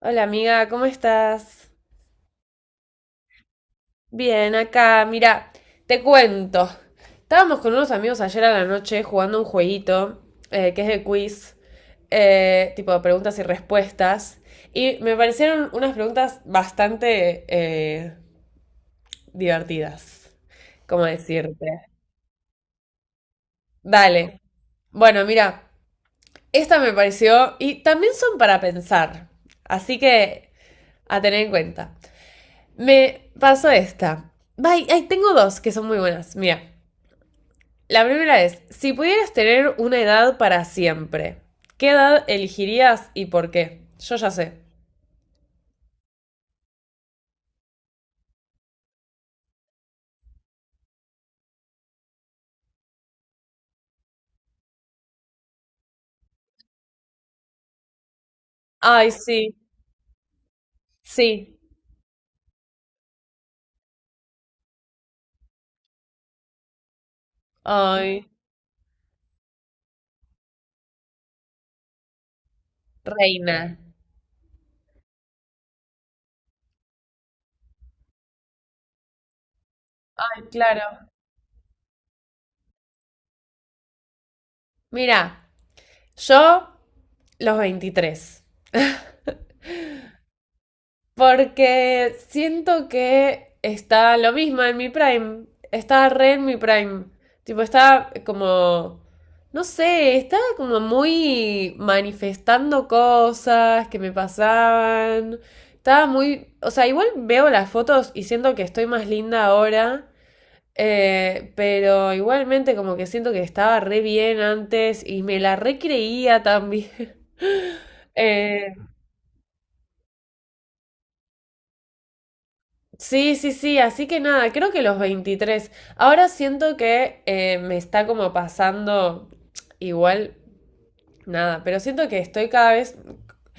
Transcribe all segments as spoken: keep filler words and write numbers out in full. Hola amiga, ¿cómo estás? Bien, acá, mira, te cuento. Estábamos con unos amigos ayer a la noche jugando un jueguito eh, que es de quiz, eh, tipo de preguntas y respuestas, y me parecieron unas preguntas bastante eh, divertidas, ¿cómo decirte? Dale. Bueno, mira, esta me pareció, y también son para pensar, así que a tener en cuenta. Me pasó esta. Ay, ay, tengo dos que son muy buenas. Mira, la primera es, si pudieras tener una edad para siempre, ¿qué edad elegirías y por qué? Yo ya sé. Ay, sí, sí. Ay, reina. Claro. Mira, yo los veintitrés. Porque siento que está lo mismo en mi prime. Está re en mi prime. Tipo, está como. No sé, está como muy manifestando cosas que me pasaban. Estaba muy. O sea, igual veo las fotos y siento que estoy más linda ahora. eh, pero igualmente como que siento que estaba re bien antes y me la re creía también. Eh, Sí, sí, sí, así que nada, creo que los veintitrés. Ahora siento que eh, me está como pasando igual, nada, pero siento que estoy cada vez,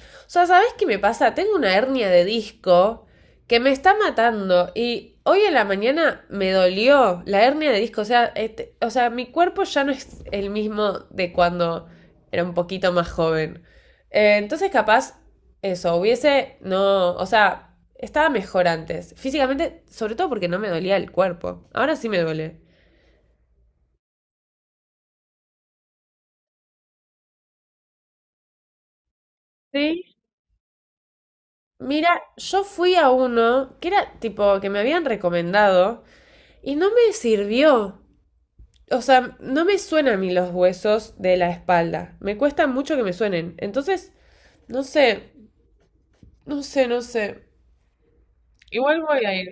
o sea, ¿sabes qué me pasa? Tengo una hernia de disco que me está matando y hoy en la mañana me dolió la hernia de disco. O sea, este- o sea, mi cuerpo ya no es el mismo de cuando era un poquito más joven. Eh, entonces, capaz, eso, hubiese, no, o sea, estaba mejor antes. Físicamente, sobre todo porque no me dolía el cuerpo. Ahora sí me duele. Sí. Mira, yo fui a uno que era tipo que me habían recomendado y no me sirvió. O sea, no me suenan a mí los huesos de la espalda. Me cuesta mucho que me suenen. Entonces, no sé, no sé, no sé. Igual voy a ir.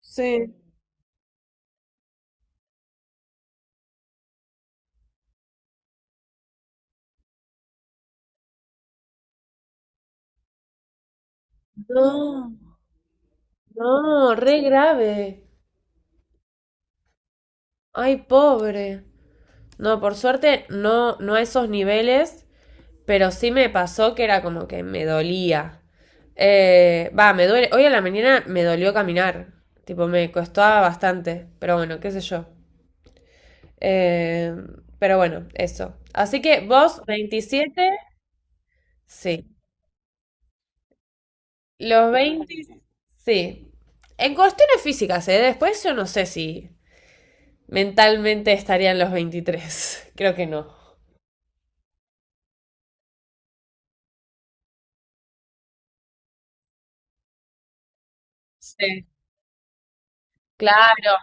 Sí. No, no, re grave. Ay, pobre. No, por suerte, no, no a esos niveles, pero sí me pasó que era como que me dolía. Eh, va, me duele. Hoy a la mañana me dolió caminar. Tipo, me costaba bastante. Pero bueno, qué sé yo. Eh, pero bueno, eso. Así que vos, veintisiete, sí. Los veinte, sí. En cuestiones físicas, ¿eh? Después yo no sé si mentalmente estarían los veintitrés. Creo que no. Sí. Claro.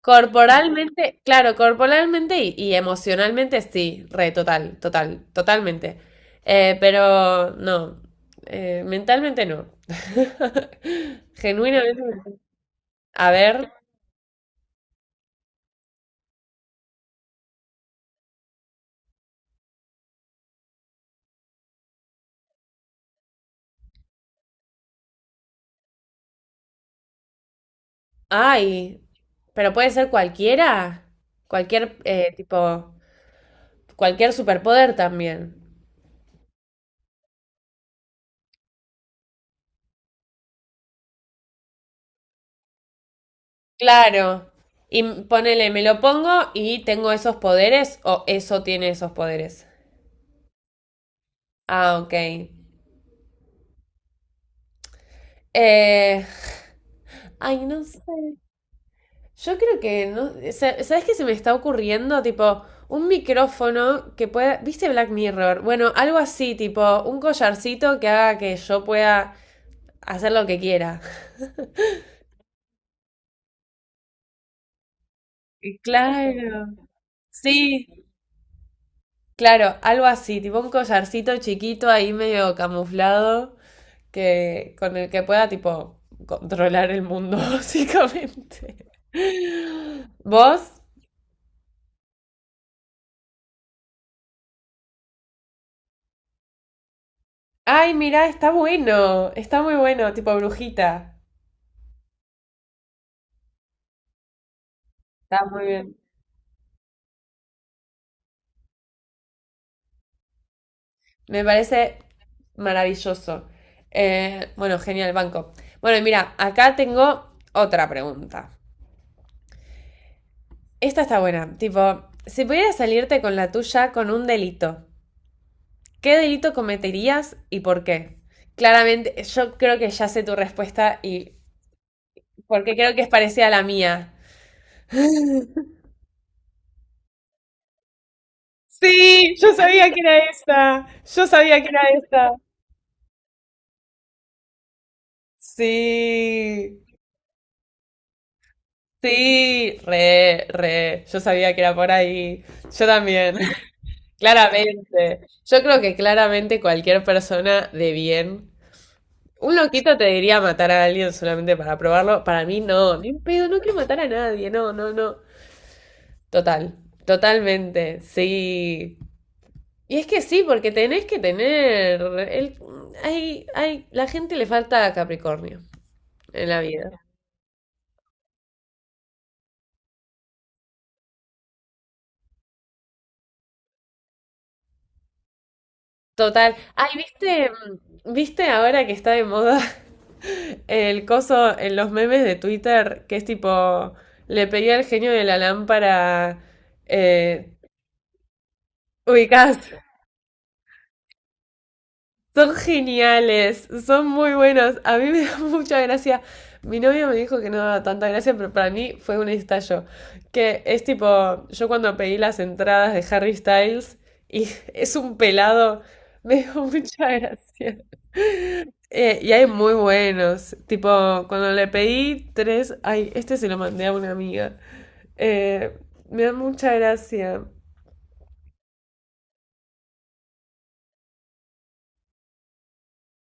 Corporalmente, claro, corporalmente y, y emocionalmente sí, re, total, total, totalmente. Eh, pero no, eh, mentalmente no. Genuinamente, no. A ver. Ay, pero puede ser cualquiera, cualquier eh, tipo, cualquier superpoder también. Claro. Y m- ponele, me lo pongo y tengo esos poderes o eso tiene esos poderes. Ah, ok. Eh, ay, no sé. Yo creo que no. sa- ¿Sabes qué se me está ocurriendo? Tipo, un micrófono que pueda. ¿Viste Black Mirror? Bueno, algo así, tipo, un collarcito que haga que yo pueda hacer lo que quiera. Y claro. Sí, claro, algo así, tipo un collarcito chiquito ahí medio camuflado que con el que pueda tipo controlar el mundo básicamente. ¿Vos? Ay, mira, está bueno, está muy bueno, tipo brujita. Está muy bien. Me parece maravilloso. Eh, bueno, genial, banco. Bueno, y mira, acá tengo otra pregunta. Esta está buena, tipo, si pudieras salirte con la tuya con un delito. ¿Qué delito cometerías y por qué? Claramente, yo creo que ya sé tu respuesta, y porque creo que es parecida a la mía. Sí, yo sabía que era esta. Yo sabía que era esta. Sí, sí, re, re. Yo sabía que era por ahí. Yo también. Claramente. Yo creo que claramente cualquier persona de bien. Un loquito te diría matar a alguien solamente para probarlo. Para mí no, ni un pedo, no quiero matar a nadie, no, no, no. Total, totalmente, sí. Y es que sí, porque tenés que tener. El, hay, hay, la gente le falta Capricornio en la vida. Total. Ay, ¿viste, mm, viste ahora que está de moda el coso en los memes de Twitter? Que es tipo, le pedí al genio de la lámpara. Eh, ubicás. Son geniales, son muy buenos. A mí me da mucha gracia. Mi novia me dijo que no daba tanta gracia, pero para mí fue un estallo. Que es tipo, yo cuando pedí las entradas de Harry Styles y es un pelado, me dio mucha gracia. Eh, y hay muy buenos. Tipo, cuando le pedí tres, ay, este se lo mandé a una amiga. Eh, me da mucha gracia.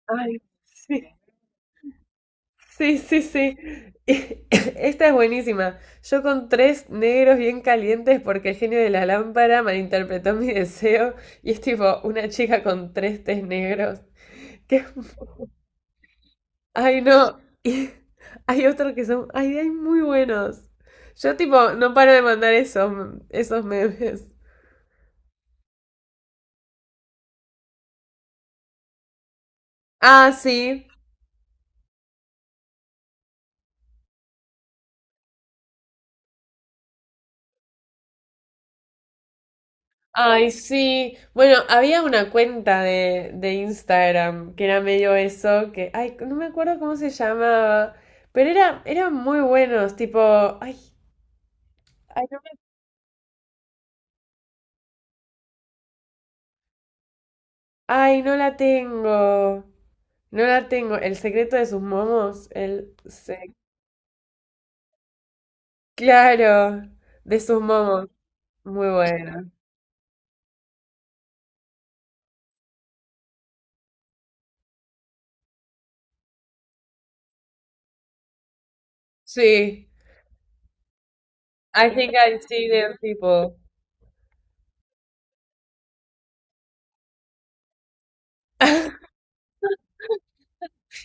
Ay, sí. Sí, sí, sí. Esta es buenísima. Yo con tres negros bien calientes porque el genio de la lámpara malinterpretó mi deseo y es tipo una chica con tres tés negros. Que es mu- Ay, no. Y hay otros que son… Ay, hay muy buenos. Yo tipo no paro de mandar esos, esos memes. Ah, sí. Ay, sí. Bueno, había una cuenta de, de Instagram que era medio eso, que, ay, no me acuerdo cómo se llamaba, pero era, eran muy buenos, tipo, ay, ay, no me- ay, no la tengo, no la tengo. El secreto de sus momos, el, se- claro, de sus momos, muy bueno. Sí, I think I see them people.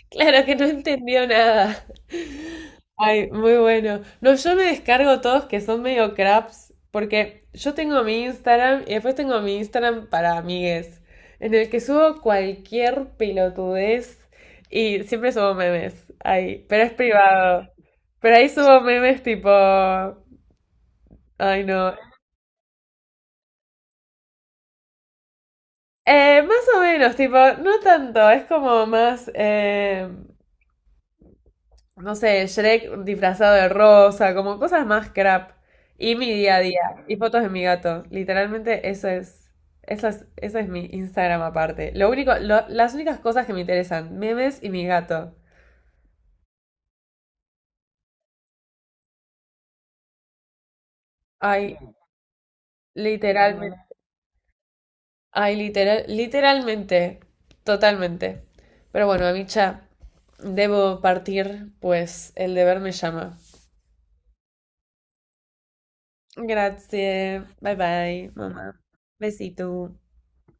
Claro que no entendió nada. Ay, muy bueno. No, yo me descargo todos que son medio craps, porque yo tengo mi Instagram y después tengo mi Instagram para amigues, en el que subo cualquier pelotudez y siempre subo memes. Ay, pero es privado. Pero ahí subo memes tipo, ay no. Eh, más o menos, tipo, no tanto, es como más em, no sé, Shrek disfrazado de rosa, como cosas más crap. Y mi día a día, y fotos de mi gato. Literalmente eso es, eso es, eso es mi Instagram aparte. Lo único, lo- las únicas cosas que me interesan, memes y mi gato. Ay, literalmente, ay, literal, literalmente, totalmente. Pero bueno, Amicha, debo partir, pues el deber me llama. Gracias. Bye bye, mamá. Besito.